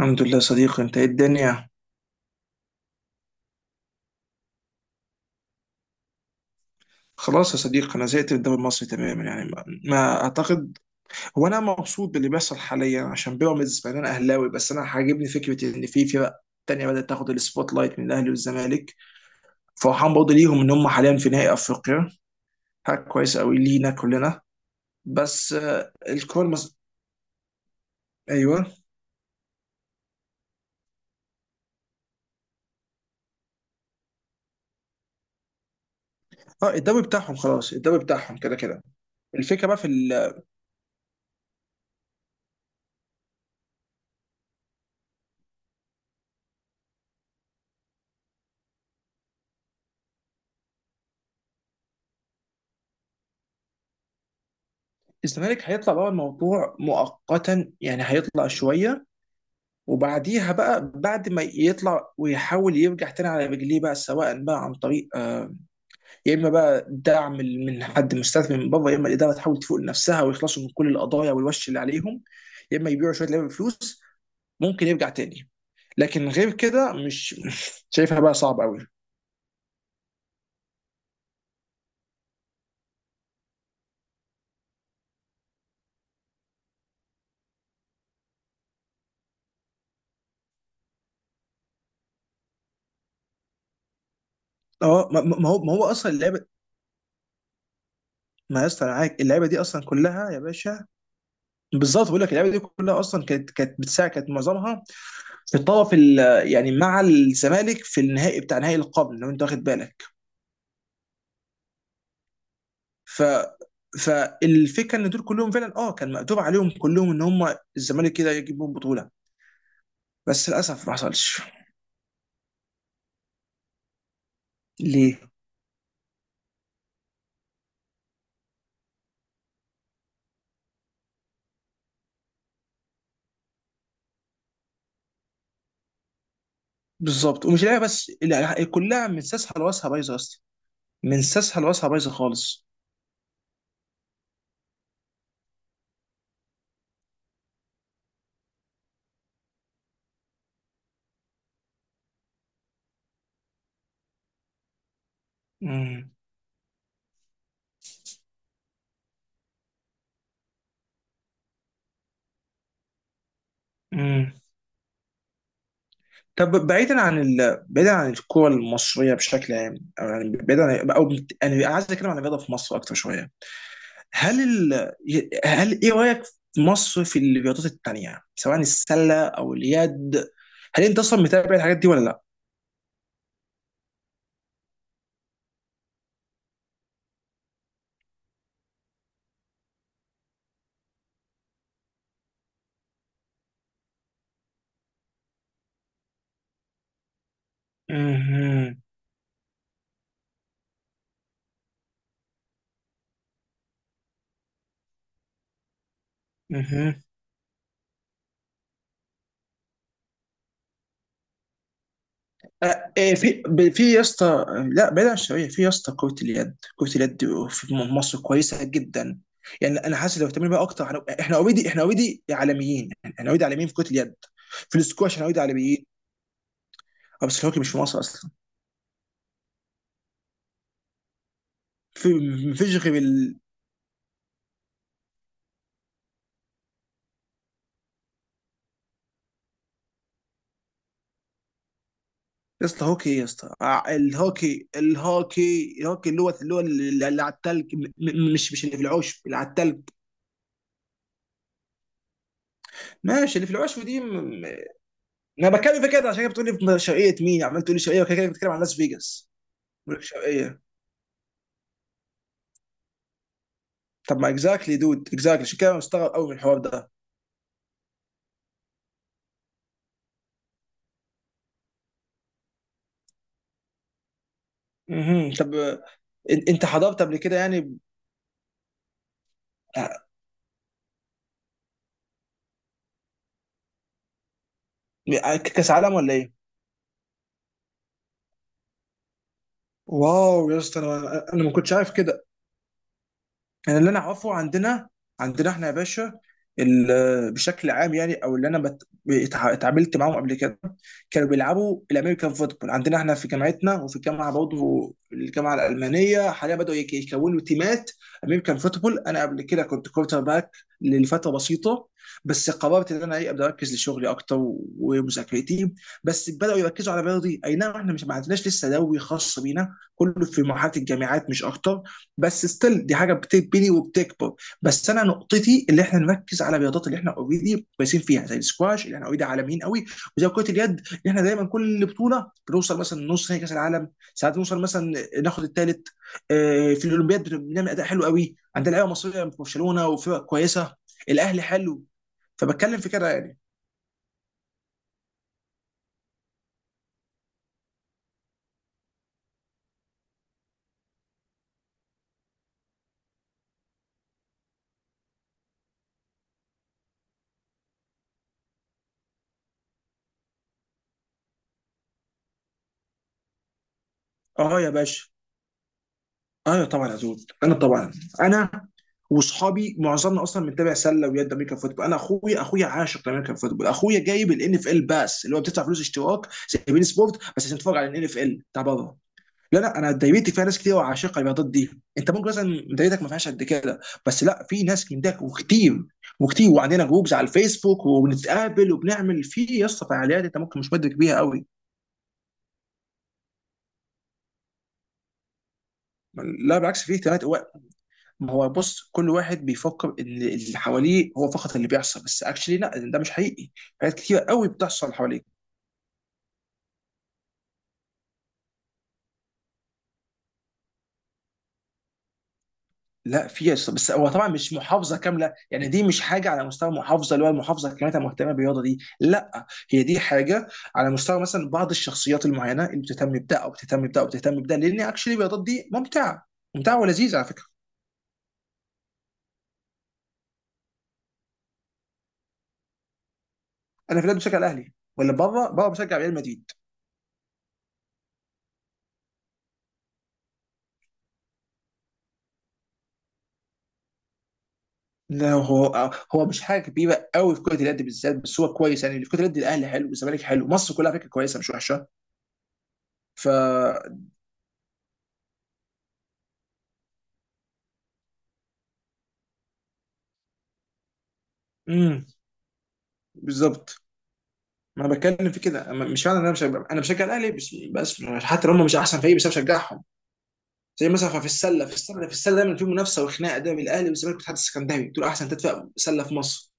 الحمد لله يا صديقي، انت ايه الدنيا. خلاص يا صديقي، انا زهقت من الدوري المصري تماما، يعني ما اعتقد. هو انا مبسوط باللي بيحصل حاليا عشان بيراميدز، مع ان انا اهلاوي، بس انا عاجبني فكره ان في فرق تانية بدأت تاخد السبوت لايت من الاهلي والزمالك. فرحان برضه ليهم ان هم حاليا في نهائي افريقيا. حاجه كويسه قوي لينا كلنا. بس ايوه. اه، الدوري بتاعهم خلاص، الدوري بتاعهم كده كده. الفكره بقى في الزمالك هيطلع بره الموضوع مؤقتا، يعني هيطلع شويه، وبعديها بقى بعد ما يطلع ويحاول يرجع تاني على رجليه بقى، سواء بقى عن طريق يا اما بقى دعم من حد مستثمر من بره، يا اما الاداره تحاول تفوق نفسها ويخلصوا من كل القضايا والوش اللي عليهم، يا اما يبيعوا شويه لعيبه بفلوس ممكن يرجع تاني. لكن غير كده مش شايفها بقى، صعب قوي. اه، ما هو ما هو اصلا اللعبه. ما يا اسطى أنا معاك، اللعبه دي اصلا كلها يا باشا. بالظبط، بقول لك اللعبه دي كلها اصلا كانت بتساعد، كانت معظمها في يعني مع الزمالك في النهائي، بتاع نهائي القرن، لو انت واخد بالك. ف فالفكره ان دول كلهم فعلا، اه، كان مقدور عليهم كلهم، ان هم الزمالك كده يجيبهم بطوله. بس للاسف ما حصلش. ليه. بالظبط، ومش لاعب بس، لا، كلها من ساسها لواسها بايظه اصلا. من ساسها لواسها بايظه خالص. امم. امم. طب بعيدا عن ال... بعيدا عن الكره المصريه بشكل عام او يعني بعيدا عن... او بت- يعني انا عايز اتكلم عن الرياضه في مصر اكتر شويه. هل ال... هل ايه رايك في مصر في الرياضات التانيه، سواء السله او اليد؟ هل انت اصلا متابع الحاجات دي ولا لا؟ مهم. مهم. آه، في يا اسطى، لا بعيد عن الشويه، في يا اسطى كره اليد، كره اليد في مصر كويسه جدا. يعني انا حاسس لو اهتمينا بقى اكتر، احنا اوريدي، احنا اوريدي عالميين في كره اليد. في السكواش احنا اوريدي عالميين. آه، بس الهوكي مش في مصر اصلا. في مفيش غير. يا اسطى هوكي ايه يا اسطى، آه، الهوكي اللي هو اللي على التلج، مش اللي في العشب، اللي على التلج. ماشي، اللي في العشب دي م- انا بتكلم في كده، عشان كده بتقول لي شرقيه، مين عمال تقول لي شرقيه، وكده كده بتتكلم عن لاس فيجاس. بقول لك شرقيه. طب ما اكزاكتلي دود، اكزاكتلي، عشان كده أنا مستغرب قوي من الحوار ده. مهم. طب آه، انت حضرت قبل كده يعني؟ آه، كاس عالم ولا ايه؟ واو يا اسطى، انا ما كنتش عارف كده. انا اللي انا اعرفه عندنا، عندنا احنا يا باشا، بشكل عام، يعني او اللي انا اتعاملت معاهم قبل كده كانوا بيلعبوا الامريكان فوتبول عندنا احنا في جامعتنا، وفي الجامعه برضه، الجامعه الالمانيه، حاليا بداوا يكونوا تيمات امريكان فوتبول. انا قبل كده كنت كورتر باك لفتره بسيطه، بس قررت ان انا، ايه، ابدا اركز لشغلي اكتر ومذاكرتي. بس بداوا يركزوا على رياضي. اي نعم احنا مش، ما عندناش لسه دوري خاص بينا، كله في مرحله الجامعات مش اكتر، بس ستيل دي حاجه بتبني وبتكبر. بس انا نقطتي اللي احنا نركز على الرياضات اللي احنا اوريدي كويسين فيها، زي السكواش اللي احنا اوريدي عالميين قوي، وزي كره اليد اللي احنا دايما كل بطوله بنوصل مثلا نص نهائي كاس العالم، ساعات بنوصل مثلا ناخد الثالث. في الاولمبياد بنعمل اداء حلو قوي، عندنا لعيبه مصريه في برشلونه وفرق كويسه، الاهلي حلو. فبتكلم في كده يعني. اه يا باشا، اه طبعا يا زود، انا طبعا انا وصحابي معظمنا اصلا متابع سله ويد، امريكان فوتبول. انا اخويا، اخويا عاشق لامريكان فوتبول، اخويا جايب الان اف ال باس اللي هو بتدفع فلوس اشتراك زي بين سبورت، بس عشان تتفرج على الان اف ال بتاع بره. لا لا، انا دايرتي فيها ناس كتير وعاشقه الرياضات دي. انت ممكن مثلا دايرتك ما فيهاش قد كده، بس لا، في ناس من ده، وكتير وكتير، وعندنا جروبز على الفيسبوك وبنتقابل وبنعمل في يا اسطى فعاليات انت ممكن مش مدرك بيها قوي. لا بالعكس، في اهتمامات. ما هو بص، كل واحد بيفكر ان اللي حواليه هو فقط اللي بيحصل، بس اكشلي لا، ده مش حقيقي. حاجات كتير قوي بتحصل حواليك. لا بس هو طبعا مش محافظه كامله، يعني دي مش حاجه على مستوى محافظه، اللي هو المحافظه كاملتها مهتمه بالرياضه دي، لا. هي دي حاجه على مستوى مثلا بعض الشخصيات المعينه اللي بتهتم بده او بتهتم بده او بتهتم بده، لان اكشلي الرياضات دي ممتعه، ممتعه ولذيذه على فكره. انا في البلاد بشجع الاهلي، ولا بره، بره بشجع ريال مدريد. لا هو، هو مش حاجه كبيره قوي في كره اليد بالذات، بس هو كويس، يعني في كره اليد الاهلي حلو والزمالك حلو، مصر كلها على فكره كويسه مش وحشه. ف امم، بالظبط. ما أنا بتكلم في كده. مش معنى ان انا مش، انا بشجع الاهلي بس، بس حتى لو هم مش احسن فريق، بس انا بشجعهم. زي مثلا في السله، في السله دايما في منافسه وخناقه دايما بين الاهلي والزمالك والاتحاد السكندري، دول احسن ثلاث فرق سله في مصر.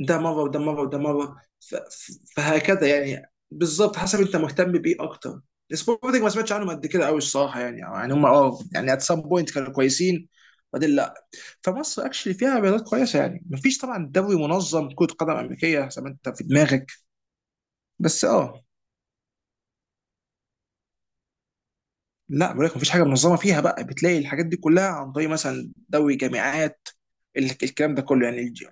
ده مره وده مره وده مره، فهكذا يعني، بالظبط حسب انت مهتم بايه اكتر. سبورتنج ما سمعتش عنهم قد كده قوي الصراحه، يعني يعني هم اه، يعني ات سام بوينت كانوا كويسين. بعدين لا. فمصر اكشلي فيها رياضات كويسه، يعني مفيش طبعا دوري منظم كره قدم امريكيه زي ما انت في دماغك، بس اه. لا بقول لك مفيش حاجه منظمه فيها بقى، بتلاقي الحاجات دي كلها عن طريق مثلا دوري جامعات، الكلام ده كله يعني.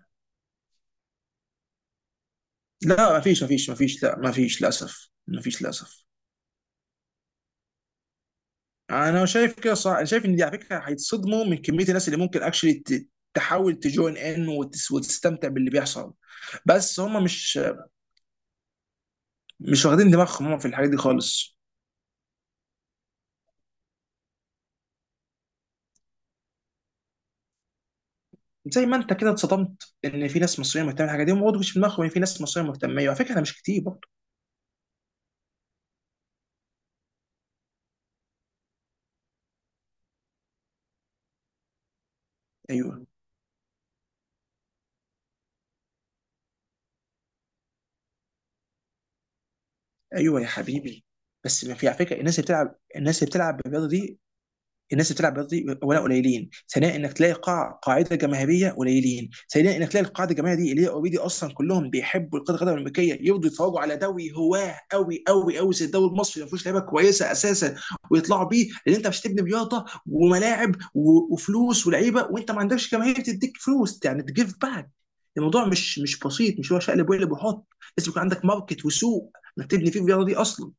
لا مفيش للاسف, مفيش للاسف. انا شايف كده صح، شايف ان دي على فكره هيتصدموا من كميه الناس اللي ممكن اكشلي تحاول وتستمتع باللي بيحصل. بس هم مش، مش واخدين دماغهم هم في الحاجات دي خالص. زي ما انت كده اتصدمت ان في ناس مصريه مهتمه بالحاجه دي، هم برضه مش في دماغهم ان في ناس مصريه مهتمه، وعلى فكره انا مش كتير برضه. ايوه. ايوه يا حبيبي، بس ما في على فكره الناس اللي بتلعب، الناس اللي بتلعب بالرياضه دي، الناس اللي بتلعب رياضي، اولا قليلين، ثانيا انك تلاقي قاعده جماهيريه قليلين، ثالثا انك تلاقي القاعده الجماهيريه دي اللي هي اوريدي اصلا كلهم بيحبوا كره القدم الامريكيه، يرضوا يتفرجوا على دوري هواه قوي قوي قوي زي الدوري المصري ما فيهوش لعيبه كويسه اساسا ويطلعوا بيه، لان انت مش تبني رياضه وملاعب وفلوس ولعيبه وانت ما عندكش جماهير تديك فلوس، يعني تجيف باك. الموضوع مش، مش بسيط، مش هو شقلب وقلب وحط. لازم يكون عندك ماركت وسوق انك تبني فيه الرياضه دي اصلا.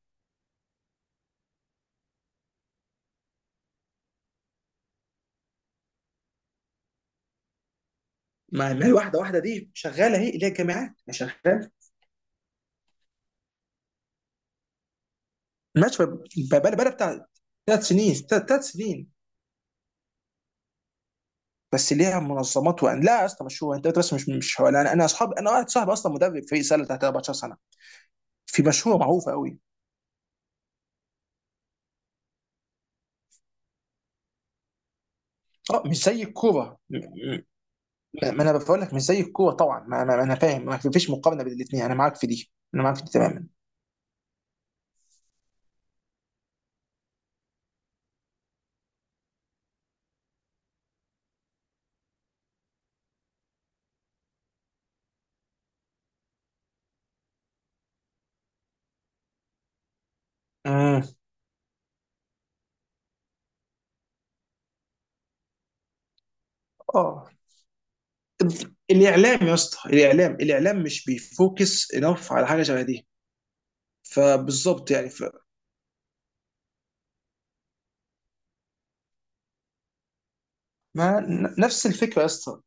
ما الواحده واحده دي شغاله اهي، اللي هي الجامعات ما شغاله. ماشي. بقى بتاع ثلاث سنين، ثلاث سنين، بس ليها منظمات. وان لا يا اسطى مشهوره، انت بس مش هو، انا اصحاب، انا واحد صاحبي اصلا مدرب فريق سله تحت 14 سنه. في مشهوره معروفه قوي. اه مش زي الكوره ما انا بقول لك مش زي الكوره طبعا، ما انا فاهم ما فيش مقارنه بين الاثنين، انا معاك في دي، انا معاك في دي تماما. امم. اه. طب الاعلام يا اسطى، الاعلام مش بيفوكس انف على حاجه شبه دي. فبالظبط يعني ف... ما نفس الفكره يا اسطى،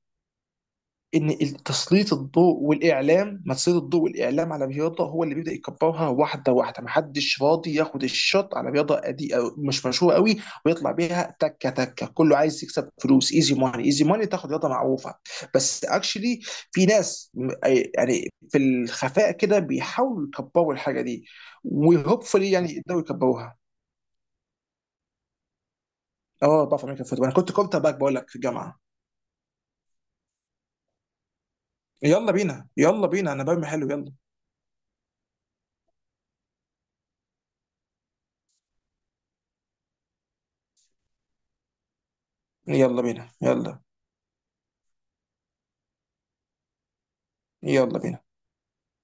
ان تسليط الضوء والاعلام، ما تسليط الضوء والاعلام على رياضه هو اللي بيبدا يكبرها واحده واحده، محدش راضي ياخد الشوت على رياضه قدي أو مش مشهوره قوي ويطلع بيها تكه تكه، كله عايز يكسب فلوس ايزي ماني. ايزي ماني تاخد رياضه معروفه، بس اكشلي في ناس يعني في الخفاء كده بيحاولوا يكبروا الحاجه دي، وهوبفully يعني يقدروا يكبروها. اه بعرف امريكا فوتبول، انا كنت كورتر باك بقول لك في الجامعه. يلا بينا، يلا بينا، انا برمي حلو، يلا. يلا بينا، يلا. يلا بينا.